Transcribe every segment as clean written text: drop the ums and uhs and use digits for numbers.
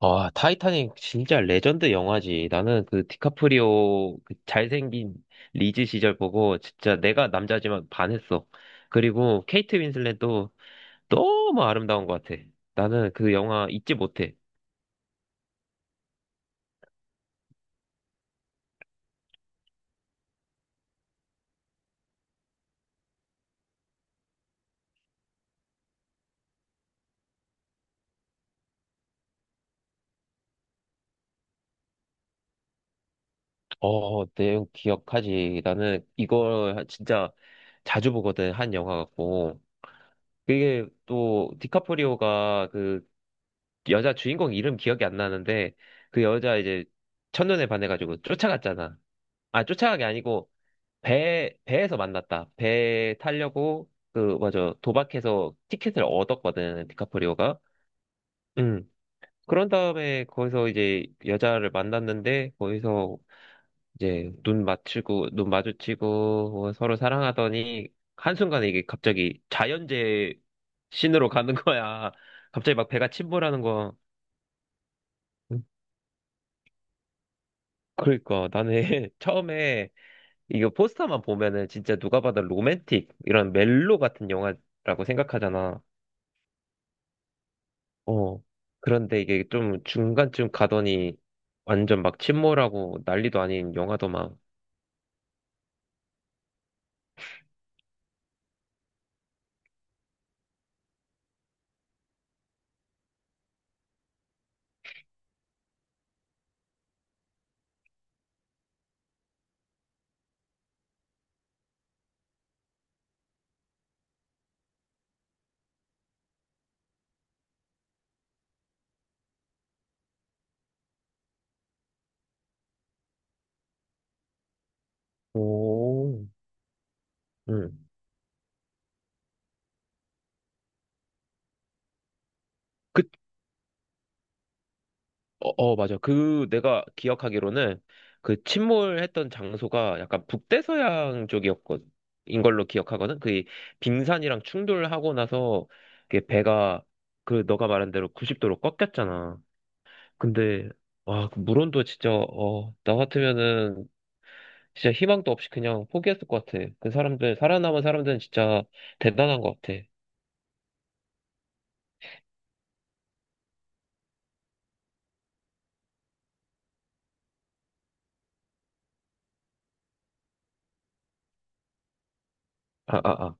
아, 타이타닉 진짜 레전드 영화지. 나는 그 디카프리오 그 잘생긴 리즈 시절 보고 진짜 내가 남자지만 반했어. 그리고 케이트 윈슬렛도 너무 아름다운 것 같아. 나는 그 영화 잊지 못해. 어, 내용 기억하지. 나는 이걸 진짜 자주 보거든, 한 영화 같고. 그게 또 디카프리오가 그 여자 주인공 이름 기억이 안 나는데 그 여자 이제 첫눈에 반해가지고 쫓아갔잖아. 아, 쫓아간 게 아니고 배에서 만났다. 배 타려고, 그, 맞아. 도박해서 티켓을 얻었거든, 디카프리오가. 응. 그런 다음에 거기서 이제 여자를 만났는데, 거기서 이제 눈 맞추고, 눈 마주치고, 뭐 서로 사랑하더니, 한순간에 이게 갑자기 자연재해 으로 가는 거야. 갑자기 막 배가 침몰하는 거. 응. 그러니까 나는 처음에 이거 포스터만 보면은 진짜 누가 봐도 로맨틱, 이런 멜로 같은 영화라고 생각하잖아. 어. 그런데 이게 좀 중간쯤 가더니 완전 막 침몰하고 난리도 아닌 영화더만. 오, 응. 그, 어, 어, 맞아. 그 내가 기억하기로는 그 침몰했던 장소가 약간 북대서양 쪽이었거든. 인 걸로 기억하거든. 그 빙산이랑 충돌하고 나서 그 배가 그 너가 말한 대로 90도로 꺾였잖아. 근데 와, 그 물온도 진짜 나 같으면은 진짜 희망도 없이 그냥 포기했을 것 같아. 그 사람들, 살아남은 사람들은 진짜 대단한 것 같아. 아, 아, 아.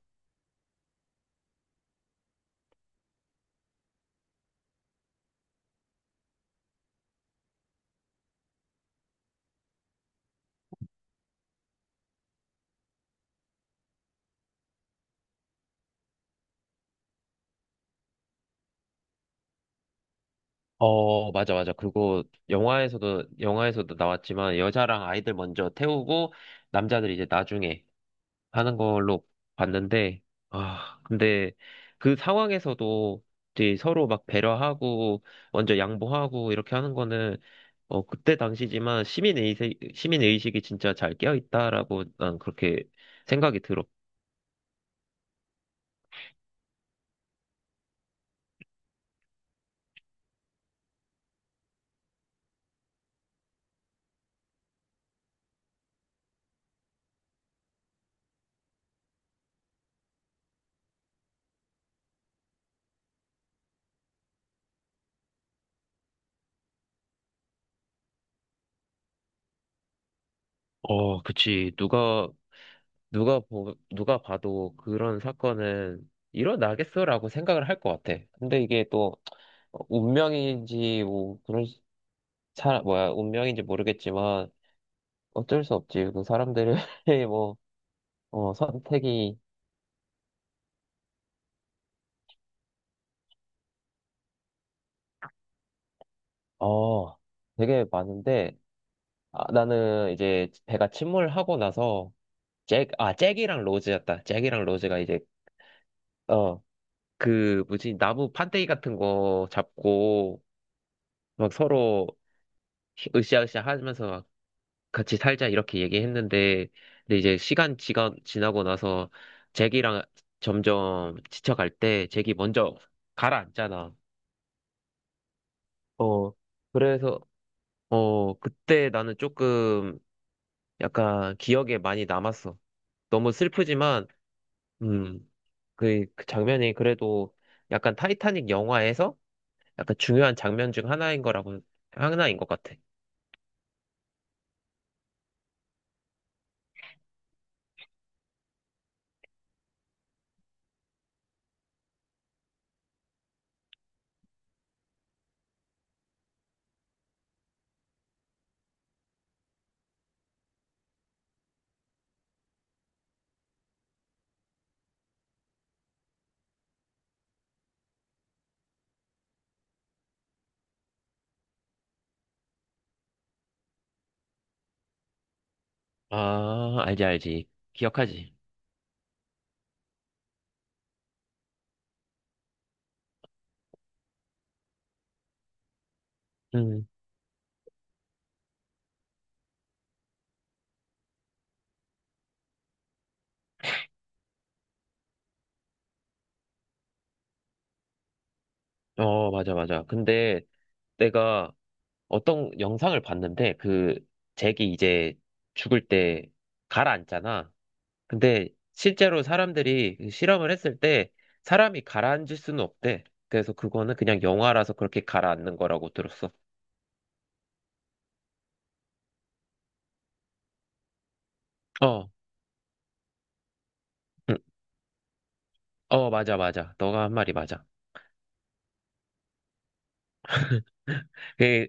어, 맞아, 맞아. 그리고 영화에서도 나왔지만 여자랑 아이들 먼저 태우고 남자들 이제 나중에 하는 걸로 봤는데, 아, 근데 그 상황에서도 이제 서로 막 배려하고 먼저 양보하고 이렇게 하는 거는 그때 당시지만 시민의식이 진짜 잘 깨어있다라고 난 그렇게 생각이 들어. 어, 그치. 누가 봐도 그런 사건은 일어나겠어라고 생각을 할 것 같아. 근데 이게 또, 운명인지, 뭐, 그런, 뭐야, 운명인지 모르겠지만, 어쩔 수 없지. 그 사람들의, 뭐, 선택이, 어, 되게 많은데, 아, 나는 이제 배가 침몰하고 나서, 잭이랑 로즈였다. 잭이랑 로즈가 이제, 어, 뭐지, 나무 판때기 같은 거 잡고, 막 서로, 으쌰으쌰 하면서 막 같이 살자 이렇게 얘기했는데 근데 이제 시간 지나고 나서 잭이랑 점점 지쳐갈 때 잭이 먼저 가라앉잖아. 어 그래서 그때 나는 조금 약간 기억에 많이 남았어. 너무 슬프지만 음그 그그 장면이 그래도 약간 타이타닉 영화에서 약간 중요한 장면 중 하나인 것 같아. 아 알지 알지 기억하지. 음. 어, 맞아, 맞아. 근데 내가 어떤 영상을 봤는데 그 잭이 이제 죽을 때 가라앉잖아. 근데 실제로 사람들이 그 실험을 했을 때 사람이 가라앉을 수는 없대. 그래서 그거는 그냥 영화라서 그렇게 가라앉는 거라고 들었어. 어, 응. 어, 맞아, 맞아. 너가 한 말이 맞아. 그,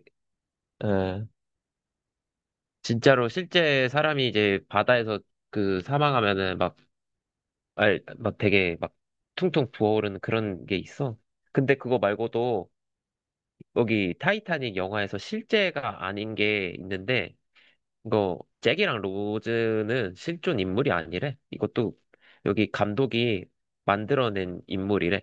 어, 진짜로 실제 사람이 이제 바다에서 그 사망하면은 막 막 되게 막 퉁퉁 부어오르는 그런 게 있어. 근데 그거 말고도 여기 타이타닉 영화에서 실제가 아닌 게 있는데 이거 잭이랑 로즈는 실존 인물이 아니래. 이것도 여기 감독이 만들어낸 인물이래.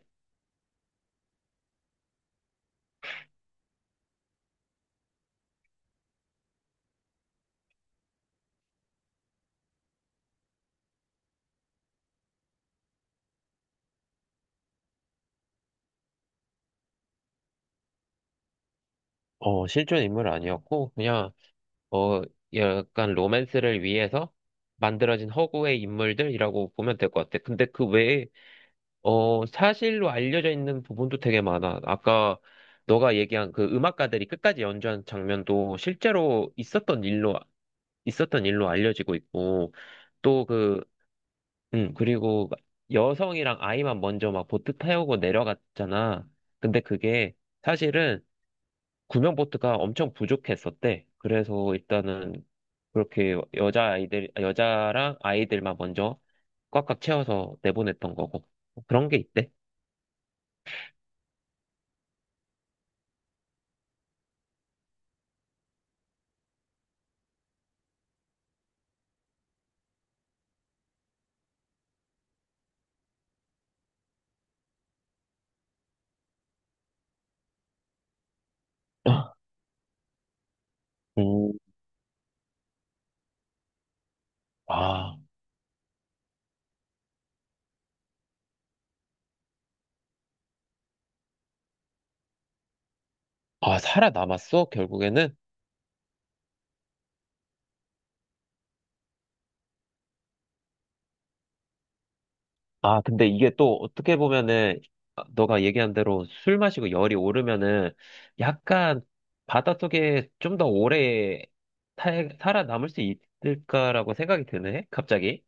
어, 실존 인물 아니었고 그냥 어 약간 로맨스를 위해서 만들어진 허구의 인물들이라고 보면 될 것 같아. 근데 그 외에 사실로 알려져 있는 부분도 되게 많아. 아까 너가 얘기한 그 음악가들이 끝까지 연주한 장면도 실제로 있었던 일로 알려지고 있고, 또 그리고 여성이랑 아이만 먼저 막 보트 태우고 내려갔잖아. 근데 그게 사실은 구명보트가 엄청 부족했었대. 그래서 일단은 그렇게 여자랑 아이들만 먼저 꽉꽉 채워서 내보냈던 거고. 그런 게 있대. 음, 아, 아, 살아남았어, 결국에는? 아, 근데 이게 또 어떻게 보면은, 아, 너가 얘기한 대로 술 마시고 열이 오르면은, 약간 바닷속에 좀 더 오래 살아남을 수 있을까라고 생각이 드네, 갑자기.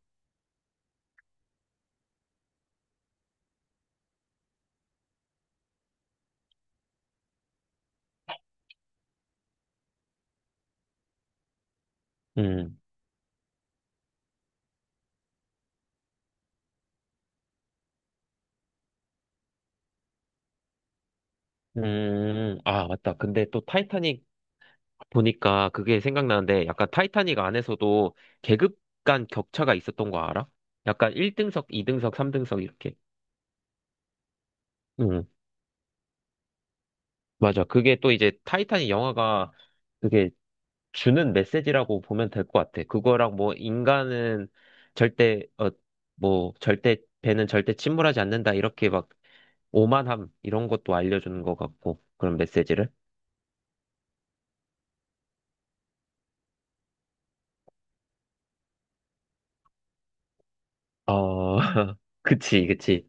음, 아, 맞다. 근데 또 타이타닉 보니까 그게 생각나는데, 약간 타이타닉 안에서도 계급 간 격차가 있었던 거 알아? 약간 1등석, 2등석, 3등석 이렇게. 맞아. 그게 또 이제 타이탄이 영화가 그게 주는 메시지라고 보면 될 것 같아. 그거랑 뭐 인간은 절대, 배는 절대 침몰하지 않는다. 이렇게 막 오만함 이런 것도 알려주는 것 같고. 그런 메시지를. 어, 그치, 그치.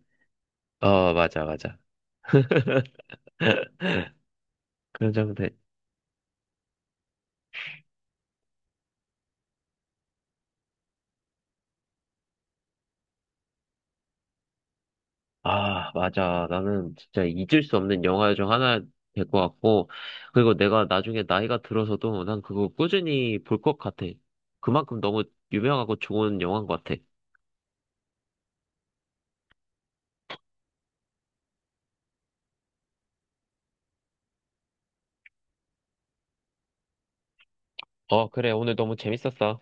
어, 맞아, 맞아. 그런 정도. 아, 맞아. 나는 진짜 잊을 수 없는 영화 중 하나 될 것 같고, 그리고 내가 나중에 나이가 들어서도 난 그거 꾸준히 볼 것 같아. 그만큼 너무 유명하고 좋은 영화인 것 같아. 어, 그래. 오늘 너무 재밌었어.